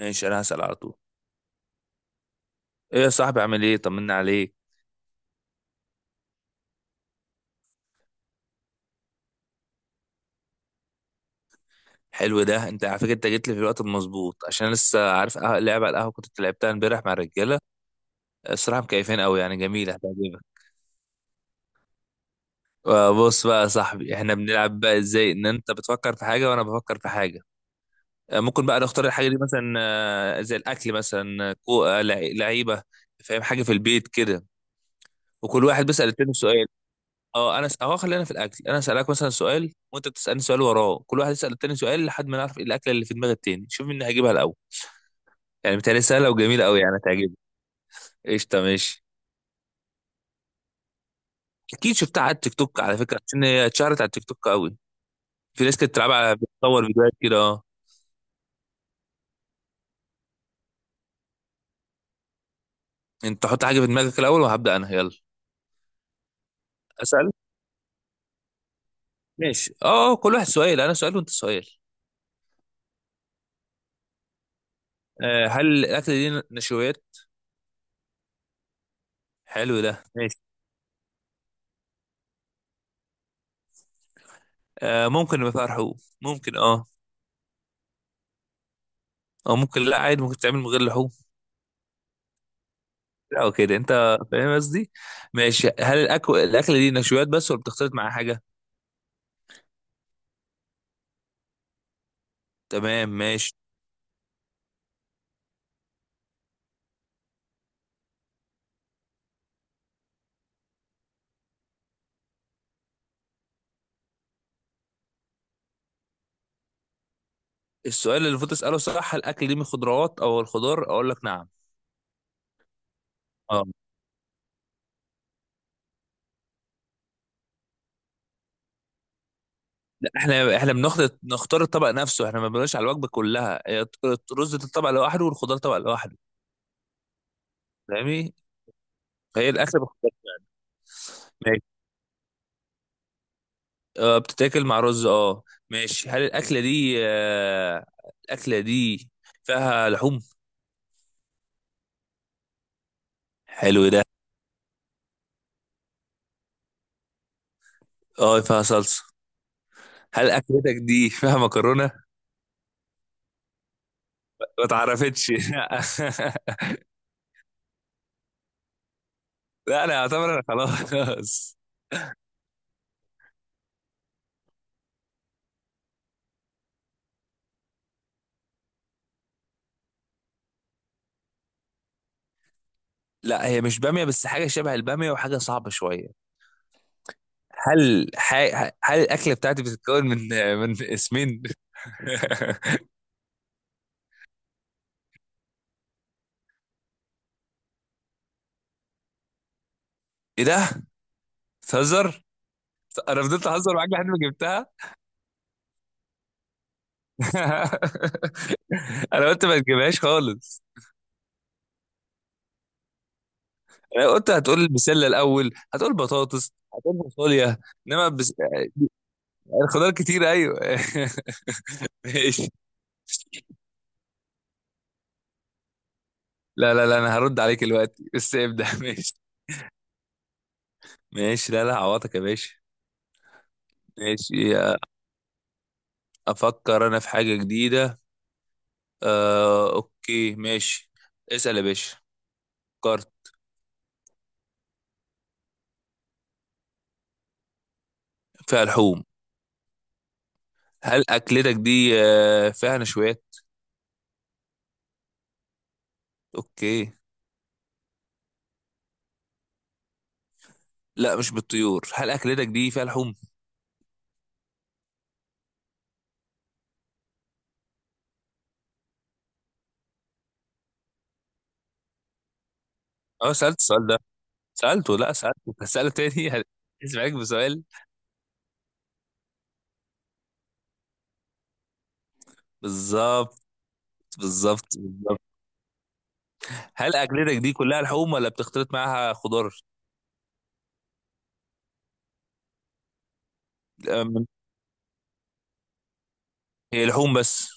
ماشي، انا هسأل على طول. ايه يا صاحبي، عامل ايه؟ طمنا عليك. حلو ده. انت على فكره انت جيت لي في الوقت المظبوط عشان لسه عارف لعبه على القهوه كنت لعبتها امبارح مع الرجاله. الصراحه مكيفين قوي، يعني جميله هتعجبك. بص بقى يا صاحبي، احنا بنلعب بقى ازاي؟ ان انت بتفكر في حاجه وانا بفكر في حاجه. ممكن بقى نختار الحاجه دي مثلا زي الاكل مثلا، لعيبه، فاهم؟ حاجه في البيت كده. وكل واحد بيسأل التاني سؤال. اه انا س... اه خلينا في الاكل. انا اسالك مثلا سؤال وانت بتسالني سؤال وراه، كل واحد يسال التاني سؤال لحد ما نعرف إيه الاكله اللي في دماغ التاني. شوف مين هيجيبها الاول. يعني بتهيألي سهله وجميله قوي، يعني هتعجبك. قشطه ماشي. اكيد شفتها على التيك توك على فكره، عشان هي اتشهرت على التيك توك قوي. في ناس كانت بتلعبها على بتصور فيديوهات كده اه. انت حط حاجه في دماغك الاول وهبدا انا، يلا اسال. ماشي اه، كل واحد سؤال، انا سؤال وانت سؤال. آه، هل الاكله دي نشويات؟ حلو ده ماشي. آه ممكن يبقى فيها لحوم، ممكن اه. او ممكن لا، عادي ممكن تعمل من غير لحوم. لا وكده انت فاهم قصدي. ماشي، هل الاكل الاكله دي نشويات بس ولا بتختلط معاها حاجه؟ تمام ماشي. السؤال اللي المفروض تساله صح هل الاكل دي من خضروات؟ او الخضار اقول لك نعم. اه لا، احنا بناخد نختار الطبق نفسه، احنا ما بنقولش على الوجبه كلها. هي رز الطبق لوحده والخضار طبق لوحده. فاهمني؟ فهي الاكله بخضار. ماشي اه، بتتاكل مع رز اه. ماشي، هل الاكله دي آه الاكله دي فيها لحوم؟ حلو ده. اه فيها صلصه. هل اكلتك دي فيها مكرونه؟ ما اتعرفتش لا انا اعتبر انا خلاص. لا هي مش باميه، بس حاجه شبه الباميه وحاجه صعبه شويه. هل الاكله بتاعتي بتتكون من اسمين؟ ايه ده؟ بتهزر. انا فضلت اهزر معاك لحد ما جبتها. انا قلت ما تجيبهاش خالص. انا قلت هتقول البسله الاول، هتقول بطاطس، هتقول فاصوليا. انما بس... الخضار كتير ايوه ماشي. لا لا لا، انا هرد عليك دلوقتي بس ابدأ. ماشي ماشي. لا لا عوضك يا باشا. ماشي، افكر انا في حاجة جديدة. آه اوكي ماشي. اسأل يا باشا. فكرت. فيها لحوم. هل اكلتك دي فيها نشويات؟ اوكي. لا مش بالطيور. هل اكلتك دي فيها لحوم؟ اه سألت السؤال ده. سألته؟ لا سألته، هسأله تاني. اسمعك بسؤال. بالظبط بالظبط بالظبط. هل اكلتك دي كلها لحوم ولا بتختلط معاها خضار؟ آه، من- هي لحوم بس.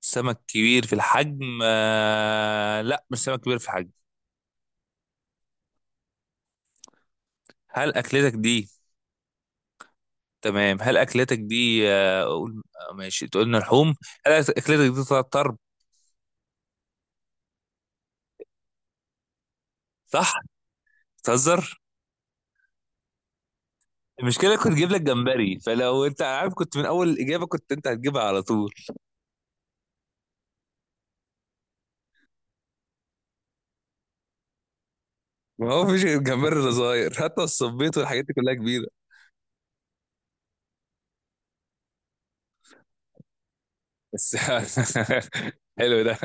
سمك كبير في الحجم؟ آه لا، مش سمك كبير في الحجم. هل اكلتك دي تمام هل اكلتك دي آه، اقول آه، ماشي تقولنا لحوم. هل اكلتك دي طلعت طرب؟ صح. تهزر. المشكله كنت جايب لك جمبري، فلو انت عارف كنت من اول الاجابه كنت انت هتجيبها على طول. ما هو فيش غير الجمبري اللي صغير، حتى الصبيط والحاجات دي كلها كبيره. بس حلو ده.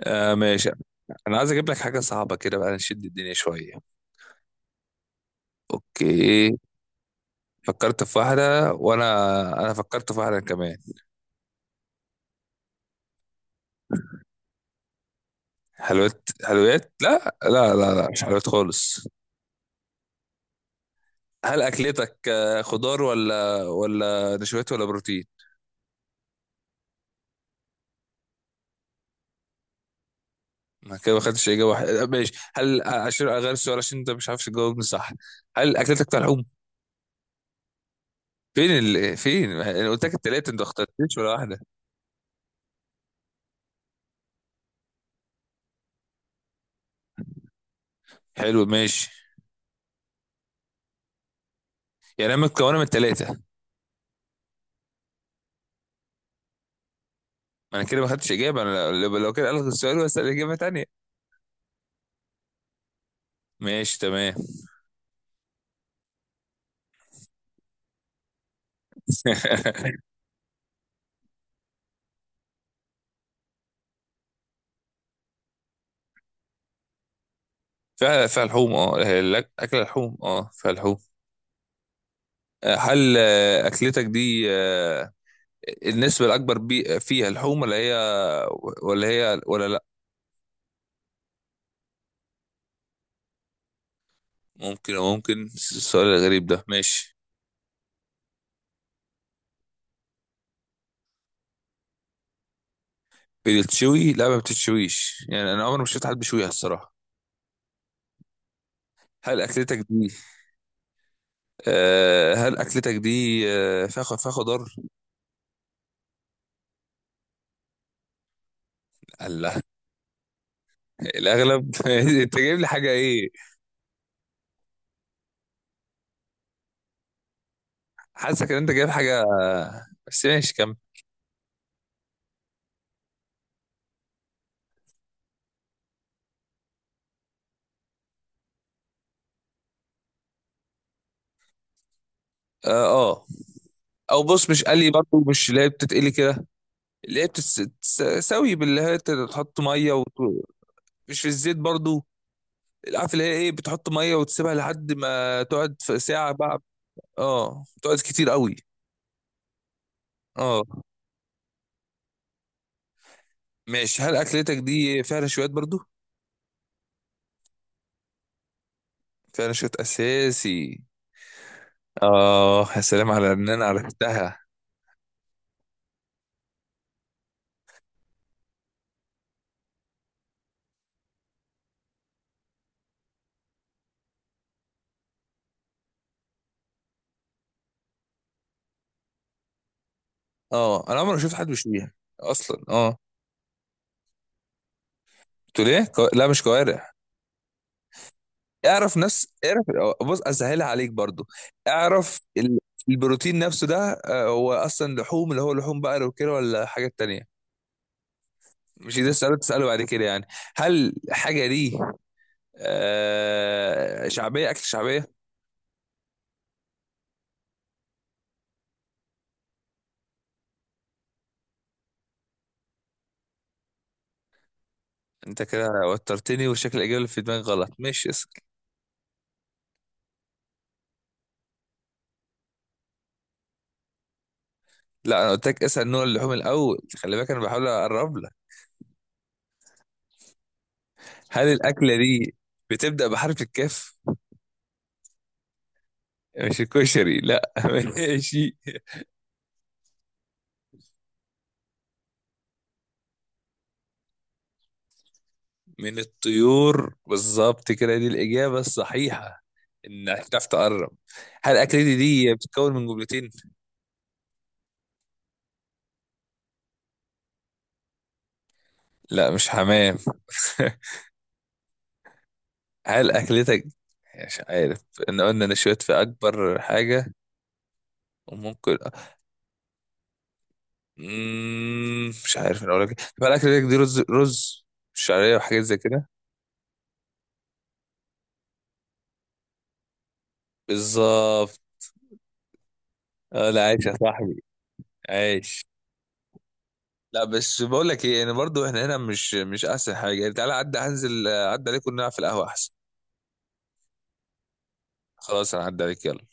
آه ماشي. انا عايز اجيب لك حاجه صعبه كده بقى، نشد الدنيا شويه. اوكي. فكرت في واحدة أنا فكرت في واحدة كمان. حلويات؟ حلويات لا لا لا لا، مش حلويات خالص. هل أكلتك خضار ولا نشويات ولا بروتين؟ أنا كده ما خدتش إجابة واحدة. ماشي هل عشان أغير السؤال عشان أنت مش عارف تجاوبني صح، هل أكلتك فيها لحوم؟ فين ال... فين؟ أنا قلت لك التلاتة أنت ما اخترتش ولا واحدة. حلو ماشي، يعني أنا متكونة من التلاتة؟ ما أنا كده ما خدتش إجابة. أنا لو كده ألغي السؤال وأسأل إجابة تانية. ماشي تمام. فيها لحوم اه، اكل لحوم، اه فيها لحوم. آه، هل آه، اكلتك دي النسبه الاكبر بي فيها لحوم ولا هي ولا هي ولا لا؟ ممكن ممكن، السؤال الغريب ده ماشي. بتتشوي؟ لا ما بتتشويش، يعني انا عمري ما شفت حد بيشويها الصراحه. هل اكلتك دي آه هل اكلتك دي فيها خضار. الله، الاغلب. انت جايب لي حاجه ايه. حاسك ان انت جايب حاجه، بس ماشي كمل. اه آه. او بص مش قلي برضه، مش اللي هي بتتقلي كده. اللي هي بتتساوي باللي هي تحط ميه وت... مش في الزيت برضه. عارف اللي هي ايه بتحط ميه وتسيبها لحد ما تقعد في ساعه بقى. اه تقعد كتير قوي. اه ماشي، هل اكلتك دي فيها نشويات برضه؟ فيها نشويات اساسي. اه يا سلام على ان انا عرفتها. اه انا عمري ما شفت حد بيشويها اصلا اه. قلت ليه كو... لا مش كوارع. اعرف نفس اعرف، بص اسهلها عليك برضو. اعرف ال- البروتين نفسه ده، هو اصلا لحوم؟ اللي هو لحوم بقر وكده ولا حاجات تانية؟ مش ده السؤال اللي تسأله بعد كده يعني. هل حاجة دي آه شعبية؟ أكل شعبية؟ أنت كده وترتني وشكل الإجابة اللي في دماغي غلط. ماشي اسأل. لا أنا قلت لك اسأل نوع اللحوم الأول، خلي بالك أنا بحاول أقرب لك. هل الأكلة دي بتبدأ بحرف الكاف؟ مش الكشري لا. ماشي. من الطيور بالظبط كده، دي الإجابة الصحيحة، إنك تعرف تقرب. هل أكلتي دي بتتكون من جملتين؟ لا مش حمام. هل أكلتك؟ مش عارف. إن قلنا نشويت في أكبر حاجة وممكن، مم... مش عارف أنا أقول لك إيه. طب هل أكلتك دي رز شعرية وحاجات زي كده؟ بالظبط. اه لا عايش يا صاحبي. عايش. لا بس بقول لك ايه، انا برضو احنا هنا مش احسن حاجه، يعني تعالى عدى هنزل، عدى عليكم نلعب في القهوه احسن. خلاص انا عدى عليك يلا.